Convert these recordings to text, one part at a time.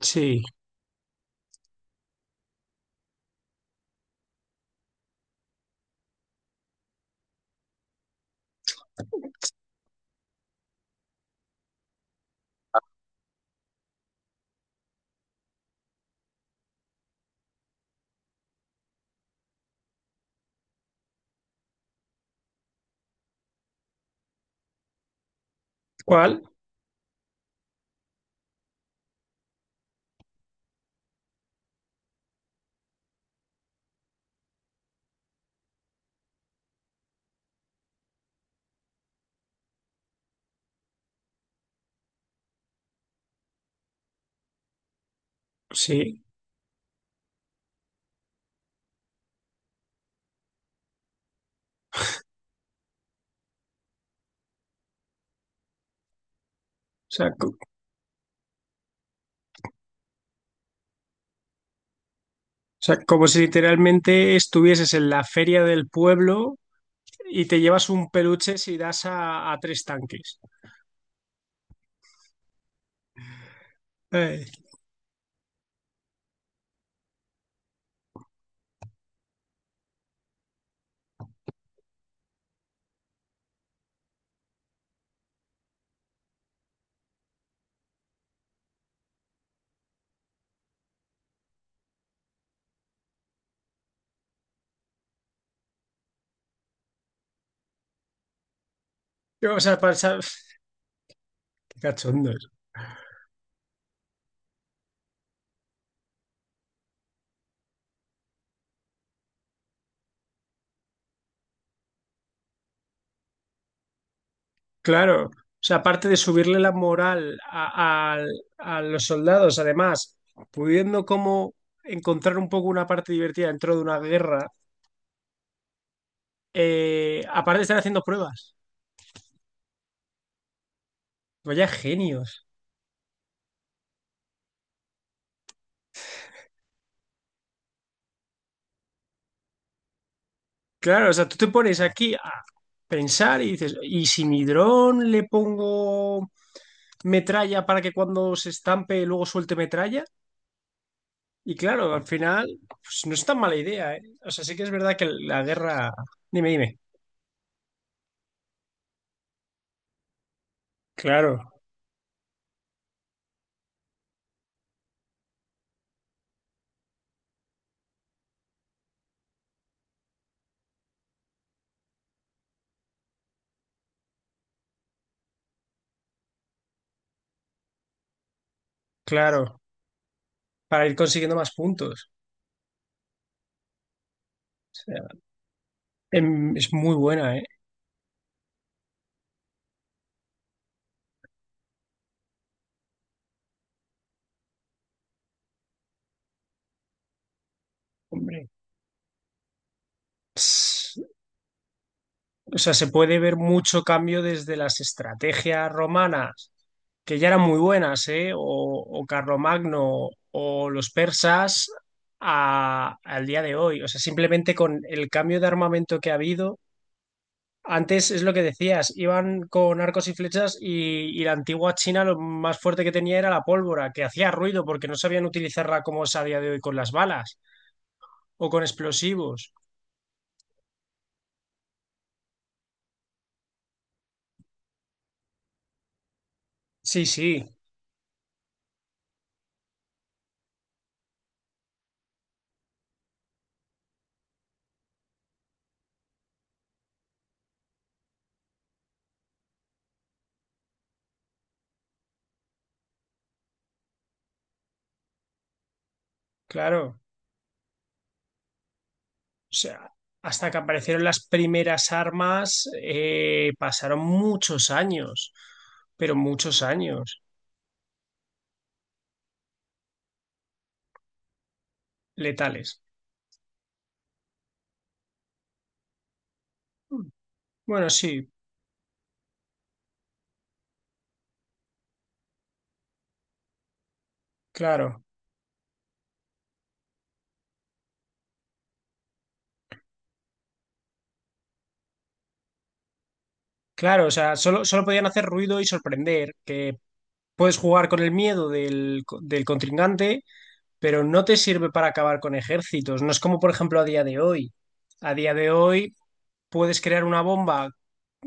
Sí, ¿cuál? Sí, o sea, como si literalmente estuvieses en la feria del pueblo y te llevas un peluche si das a tres tanques. Eh, o sea, qué cachondos. Claro, o sea, aparte de subirle la moral a los soldados, además, pudiendo como encontrar un poco una parte divertida dentro de una guerra, aparte están haciendo pruebas. Vaya genios. Claro, o sea, tú te pones aquí a pensar y dices, ¿y si mi dron le pongo metralla para que cuando se estampe luego suelte metralla? Y claro, al final, pues no es tan mala idea, ¿eh? O sea, sí que es verdad que la guerra... Dime, dime. Claro, claro, para ir consiguiendo más puntos. O sea, es muy buena, ¿eh? Hombre. O sea, se puede ver mucho cambio desde las estrategias romanas, que ya eran muy buenas, ¿eh? O Carlomagno o los persas al día de hoy. O sea, simplemente con el cambio de armamento que ha habido. Antes es lo que decías, iban con arcos y flechas y la antigua China lo más fuerte que tenía era la pólvora, que hacía ruido porque no sabían utilizarla como es a día de hoy con las balas o con explosivos. Sí, sí, claro. O sea, hasta que aparecieron las primeras armas, pasaron muchos años, pero muchos años letales. Bueno, sí, claro, claro, o sea, solo podían hacer ruido y sorprender, que puedes jugar con el miedo del contrincante, pero no te sirve para acabar con ejércitos. No es como, por ejemplo, a día de hoy. A día de hoy puedes crear una bomba.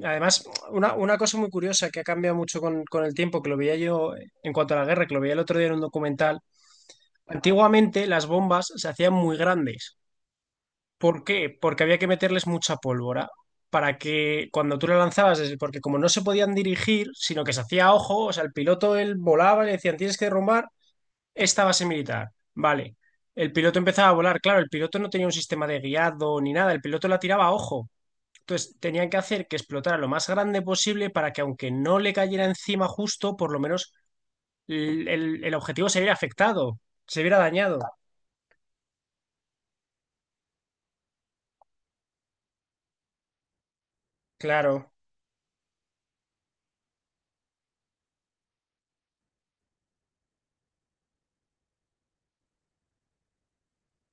Además, una cosa muy curiosa que ha cambiado mucho con el tiempo, que lo veía yo en cuanto a la guerra, que lo veía el otro día en un documental, antiguamente las bombas se hacían muy grandes. ¿Por qué? Porque había que meterles mucha pólvora para que cuando tú la lanzabas, porque como no se podían dirigir, sino que se hacía a ojo, o sea, el piloto él volaba y le decían, tienes que derrumbar esta base militar. Vale. El piloto empezaba a volar, claro, el piloto no tenía un sistema de guiado ni nada, el piloto la tiraba a ojo. Entonces, tenían que hacer que explotara lo más grande posible para que aunque no le cayera encima justo, por lo menos el objetivo se viera afectado, se viera dañado. Claro,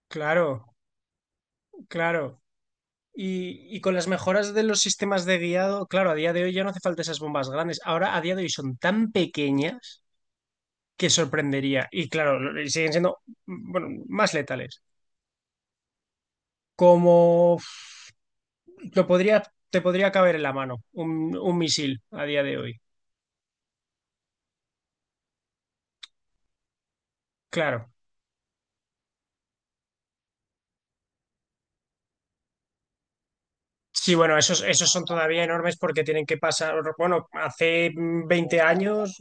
claro, claro. Y con las mejoras de los sistemas de guiado, claro, a día de hoy ya no hace falta esas bombas grandes. Ahora, a día de hoy, son tan pequeñas que sorprendería. Y claro, y siguen siendo, bueno, más letales. Como lo podría, te podría caber en la mano un misil a día de hoy. Claro. Sí, bueno, esos son todavía enormes porque tienen que pasar, bueno, hace 20 años,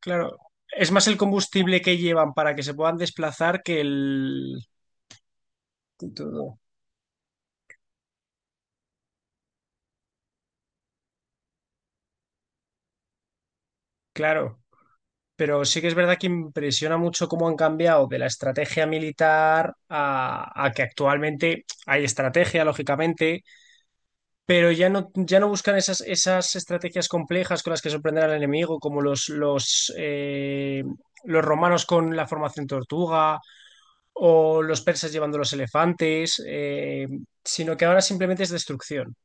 claro, es más el combustible que llevan para que se puedan desplazar que el... Que todo, claro, pero sí que es verdad que impresiona mucho cómo han cambiado de la estrategia militar a que actualmente hay estrategia, lógicamente, pero ya no buscan esas estrategias complejas con las que sorprender al enemigo, como los romanos con la formación tortuga o los persas llevando los elefantes, sino que ahora simplemente es destrucción.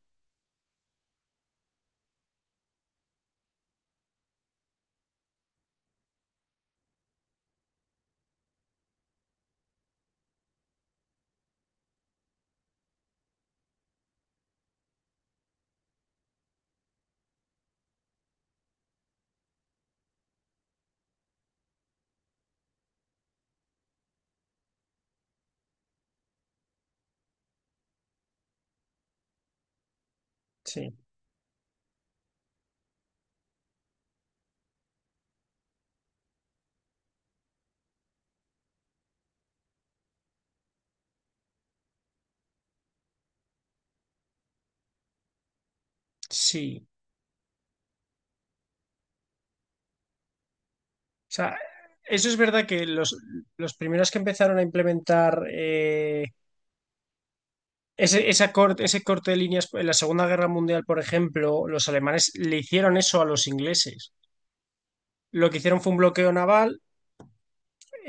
Sí, sí. O sea, eso es verdad que los primeros que empezaron a implementar ese corte de líneas en la Segunda Guerra Mundial, por ejemplo, los alemanes le hicieron eso a los ingleses. Lo que hicieron fue un bloqueo naval,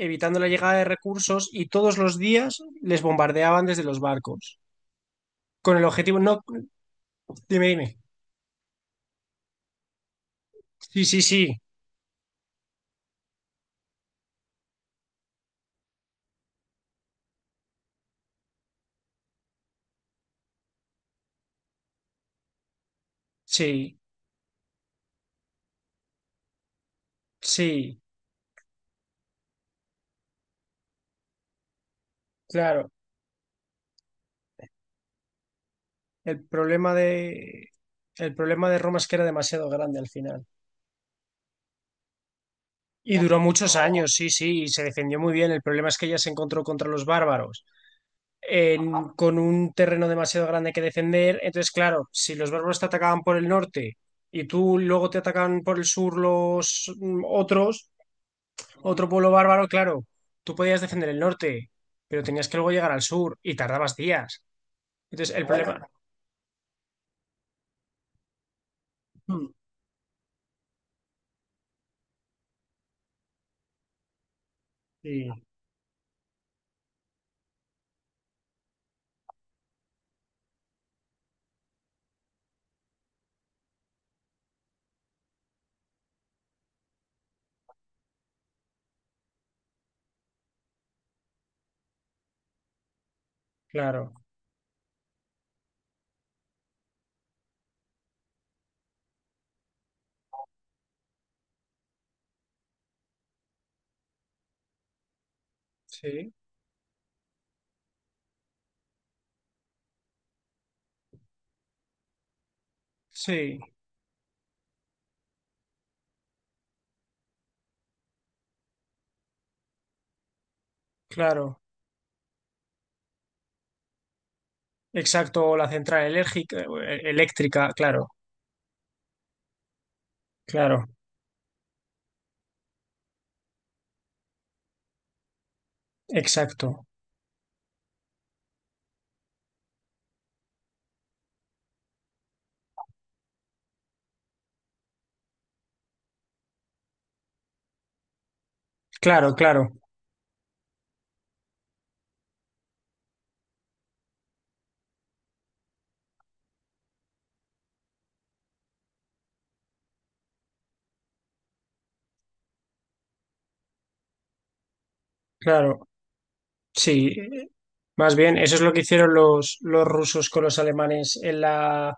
evitando la llegada de recursos y todos los días les bombardeaban desde los barcos. Con el objetivo, no, dime, dime. Sí, sí, sí, sí, sí, claro. El problema de, el problema de Roma es que era demasiado grande al final. Y duró muchos años, sí, sí, y se defendió muy bien. El problema es que ella se encontró contra los bárbaros con un terreno demasiado grande que defender. Entonces, claro, si los bárbaros te atacaban por el norte y tú luego te atacan por el sur los otro pueblo bárbaro, claro, tú podías defender el norte, pero tenías que luego llegar al sur y tardabas días. Entonces, el Bueno, problema... Sí, claro, sí, sí, claro. Exacto, la central eléctrica, claro, claro, exacto. Claro, claro, claro. Sí, más bien, eso es lo que hicieron los rusos con los alemanes en la,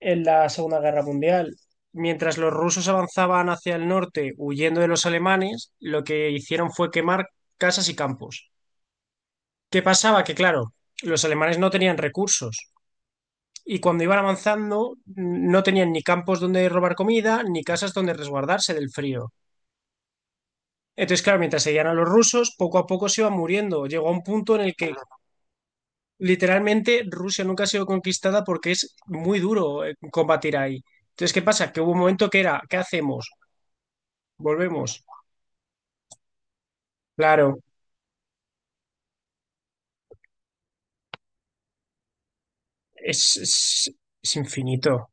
en la Segunda Guerra Mundial. Mientras los rusos avanzaban hacia el norte huyendo de los alemanes, lo que hicieron fue quemar casas y campos. ¿Qué pasaba? Que claro, los alemanes no tenían recursos y cuando iban avanzando no tenían ni campos donde robar comida, ni casas donde resguardarse del frío. Entonces, claro, mientras seguían a los rusos, poco a poco se iban muriendo. Llegó a un punto en el que literalmente Rusia nunca ha sido conquistada porque es muy duro combatir ahí. Entonces, ¿qué pasa? Que hubo un momento que era, ¿qué hacemos? Volvemos. Claro, es, es, es infinito.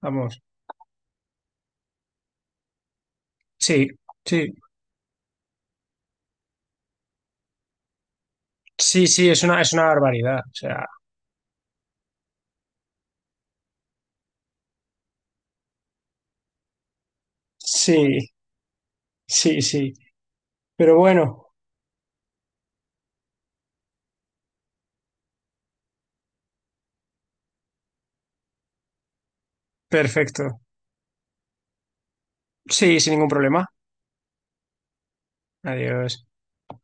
Vamos. Sí, sí, sí, sí, es una barbaridad. O sea, sí, sí, sí. Pero bueno, perfecto. Sí, sin ningún problema. Adiós.